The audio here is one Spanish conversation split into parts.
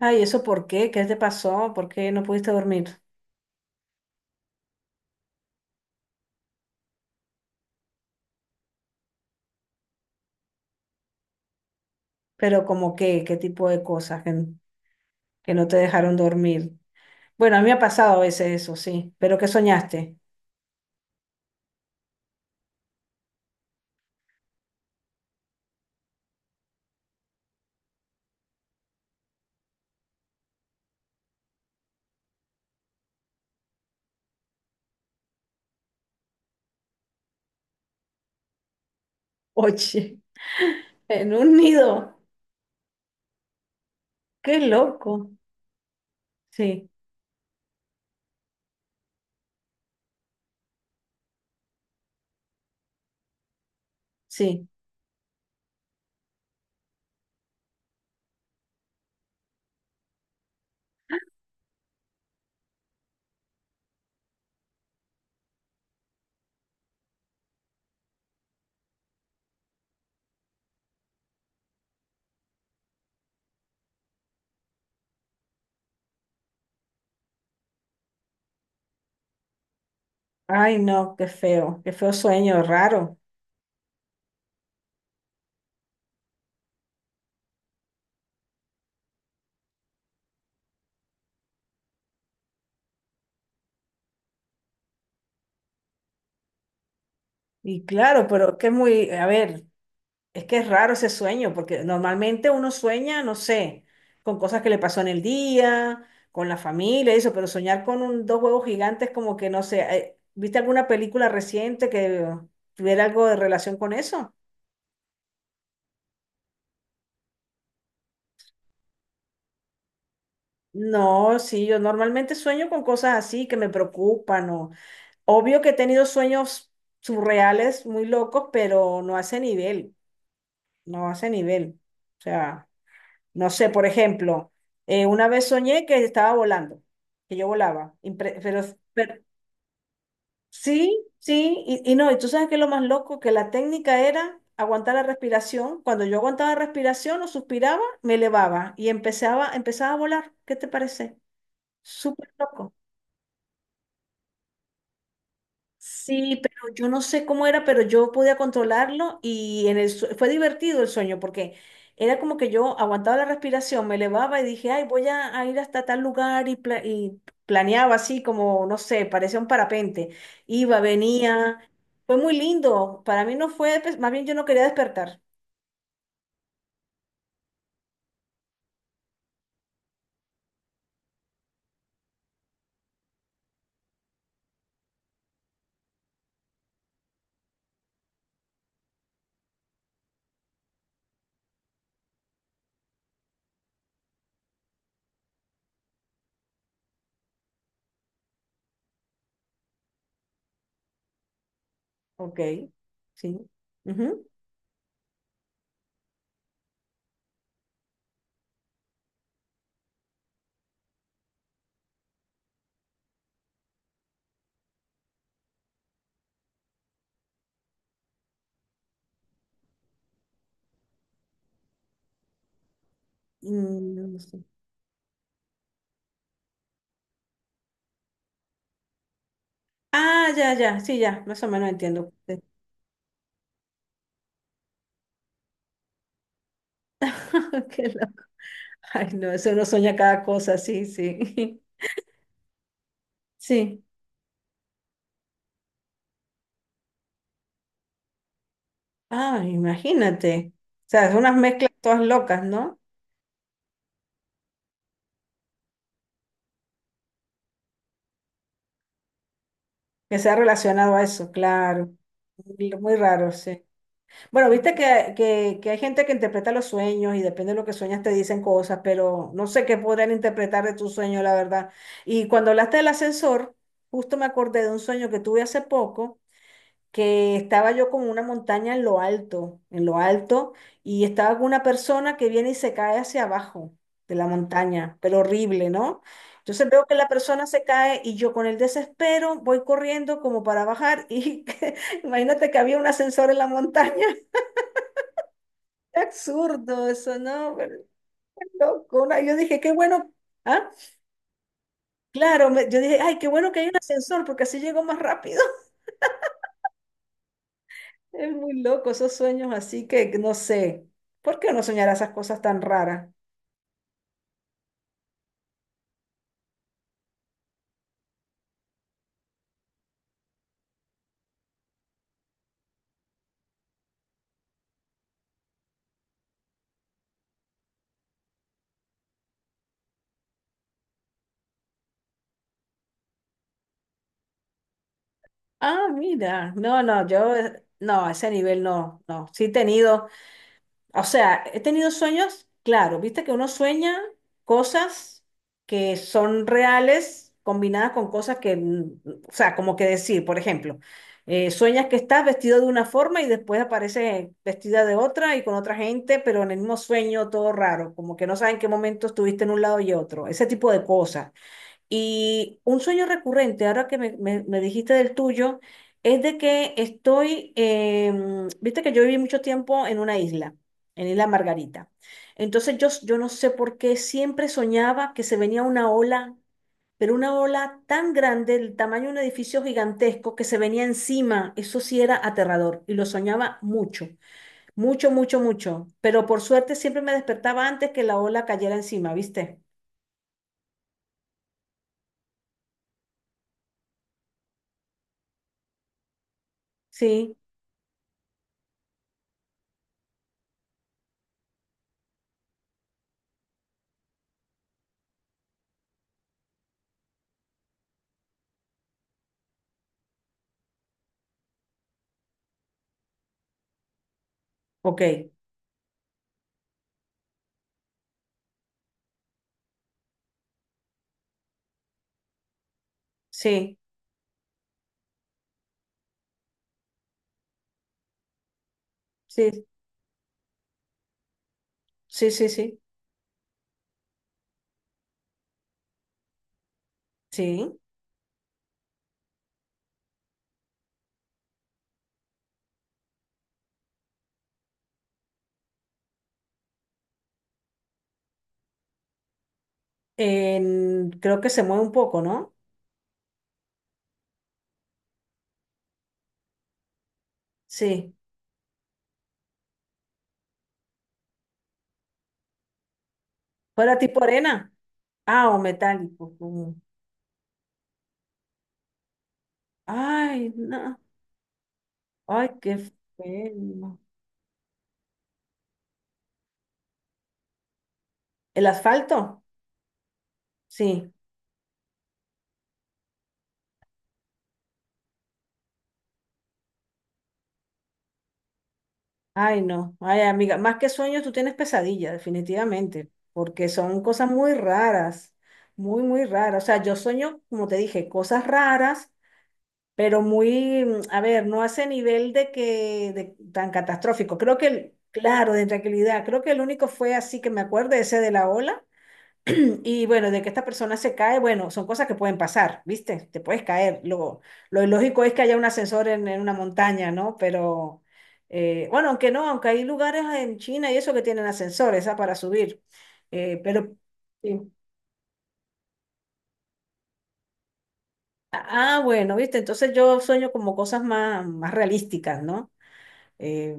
Ay, ¿eso por qué? ¿Qué te pasó? ¿Por qué no pudiste dormir? Pero como qué, qué tipo de cosas que no te dejaron dormir. Bueno, a mí me ha pasado a veces eso, sí. ¿Pero qué soñaste? Oye, en un nido. Qué loco. Sí, sí. Ay, no, qué feo sueño, raro. Y claro, pero que muy, a ver. Es que es raro ese sueño, porque normalmente uno sueña, no sé, con cosas que le pasó en el día, con la familia, y eso, pero soñar con dos huevos gigantes como que, no sé, ¿viste alguna película reciente que tuviera algo de relación con eso? No, sí, yo normalmente sueño con cosas así que me preocupan o obvio que he tenido sueños surreales, muy locos, pero no hace nivel, no hace nivel. O sea. No sé, por ejemplo, una vez soñé que estaba volando, que yo volaba, pero sí, sí, y no, y tú sabes que lo más loco, que la técnica era aguantar la respiración. Cuando yo aguantaba respiración o suspiraba, me elevaba y empezaba a volar. ¿Qué te parece? Súper loco. Sí, pero yo no sé cómo era, pero yo podía controlarlo y en el fue divertido el sueño porque era como que yo aguantaba la respiración, me elevaba y dije, ay, voy a ir hasta tal lugar y, y planeaba así como, no sé, parecía un parapente. Iba, venía, fue muy lindo. Para mí no fue, pues, más bien yo no quería despertar. Ok, sí. Ujú, y no sé. Ah, ya, ya, sí, ya, más o menos entiendo. Sí. Qué loco. Ay, no, eso uno sueña cada cosa, sí, sí. Sí. Ah, imagínate. O sea, son unas mezclas todas locas, ¿no? Que se ha relacionado a eso, claro. Muy muy raro, sí. Bueno, viste que hay gente que interpreta los sueños y depende de lo que sueñas te dicen cosas, pero no sé qué podrán interpretar de tu sueño, la verdad. Y cuando hablaste del ascensor, justo me acordé de un sueño que tuve hace poco, que estaba yo como una montaña en lo alto, y estaba con una persona que viene y se cae hacia abajo de la montaña, pero horrible, ¿no? Entonces veo que la persona se cae y yo con el desespero voy corriendo como para bajar y imagínate que había un ascensor en la montaña. Qué absurdo eso, ¿no? Pero, loco, ¿no? Yo dije, qué bueno. Ah, claro, yo dije, ay, qué bueno que hay un ascensor porque así llego más rápido. Es muy loco esos sueños, así que no sé. ¿Por qué uno soñará esas cosas tan raras? Ah, mira, no, no, yo no, a ese nivel no, no. Sí he tenido. O sea, he tenido sueños, claro, viste que uno sueña cosas que son reales combinadas con cosas que, mm, o sea, como que decir, por ejemplo, sueñas que estás vestido de una forma y después apareces vestida de otra y con otra gente, pero en el mismo sueño todo raro, como que no sabes en qué momento estuviste en un lado y otro, ese tipo de cosas. Y un sueño recurrente, ahora que me dijiste del tuyo, es de que estoy, em, viste que yo viví mucho tiempo en una isla, en Isla Margarita. Entonces yo, yo no sé por qué siempre soñaba que se venía una ola, pero una ola tan grande, del tamaño de un edificio gigantesco, que se venía encima. Eso sí era aterrador y lo soñaba mucho, mucho, mucho, mucho. Pero por suerte siempre me despertaba antes que la ola cayera encima, ¿viste? Sí, ok, sí. Sí, sí, sí, sí, sí. Creo que se mueve un poco, ¿no? Sí. ¿Fuera tipo arena? Ah, o metálico. Como... Ay, no. Ay, qué feo. ¿El asfalto? Sí. Ay, no. Ay, amiga, más que sueños, tú tienes pesadillas, definitivamente, porque son cosas muy raras, muy, muy raras. O sea, yo sueño, como te dije, cosas raras pero muy, mm, a ver, no a ese nivel de que tan catastrófico. Creo que, claro, de tranquilidad, creo que el único fue así que me acuerdo, ese de la ola. Y bueno, de que esta persona se cae, bueno, son cosas que pueden pasar, ¿viste? Te puedes caer. Lo ilógico es que haya un ascensor en una montaña, ¿no? Pero, bueno, aunque no, aunque hay lugares en China y eso que tienen ascensores, ah, para subir. Pero, sí. Ah, ah, bueno, ¿viste? Entonces yo sueño como cosas más, más realísticas, ¿no? Eh,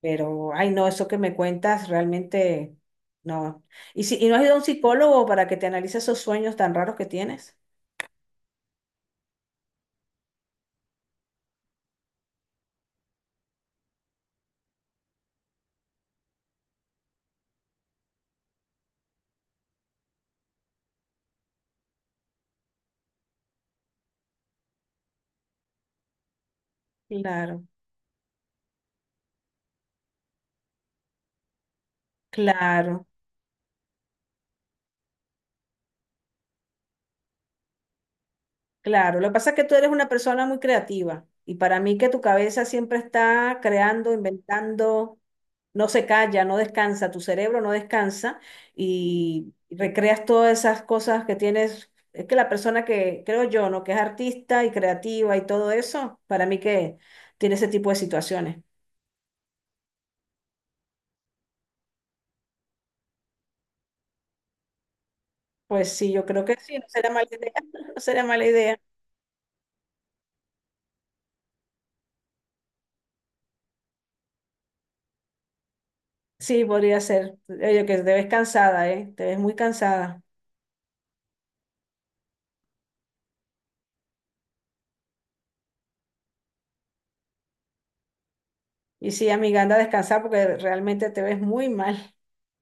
pero, ay, no, eso que me cuentas realmente no. ¿Y si, y no has ido a un psicólogo para que te analice esos sueños tan raros que tienes? Sí. Claro, claro. Claro, lo que pasa es que tú eres una persona muy creativa y para mí que tu cabeza siempre está creando, inventando, no se calla, no descansa, tu cerebro no descansa y recreas todas esas cosas que tienes. Es que la persona que creo yo, ¿no? Que es artista y creativa y todo eso, para mí que tiene ese tipo de situaciones. Pues sí, yo creo que sí, no sería mala idea, no sería mala idea. Sí, podría ser. Oye, que te ves cansada, ¿eh? Te ves muy cansada. Y sí, amiga, anda a descansar porque realmente te ves muy mal.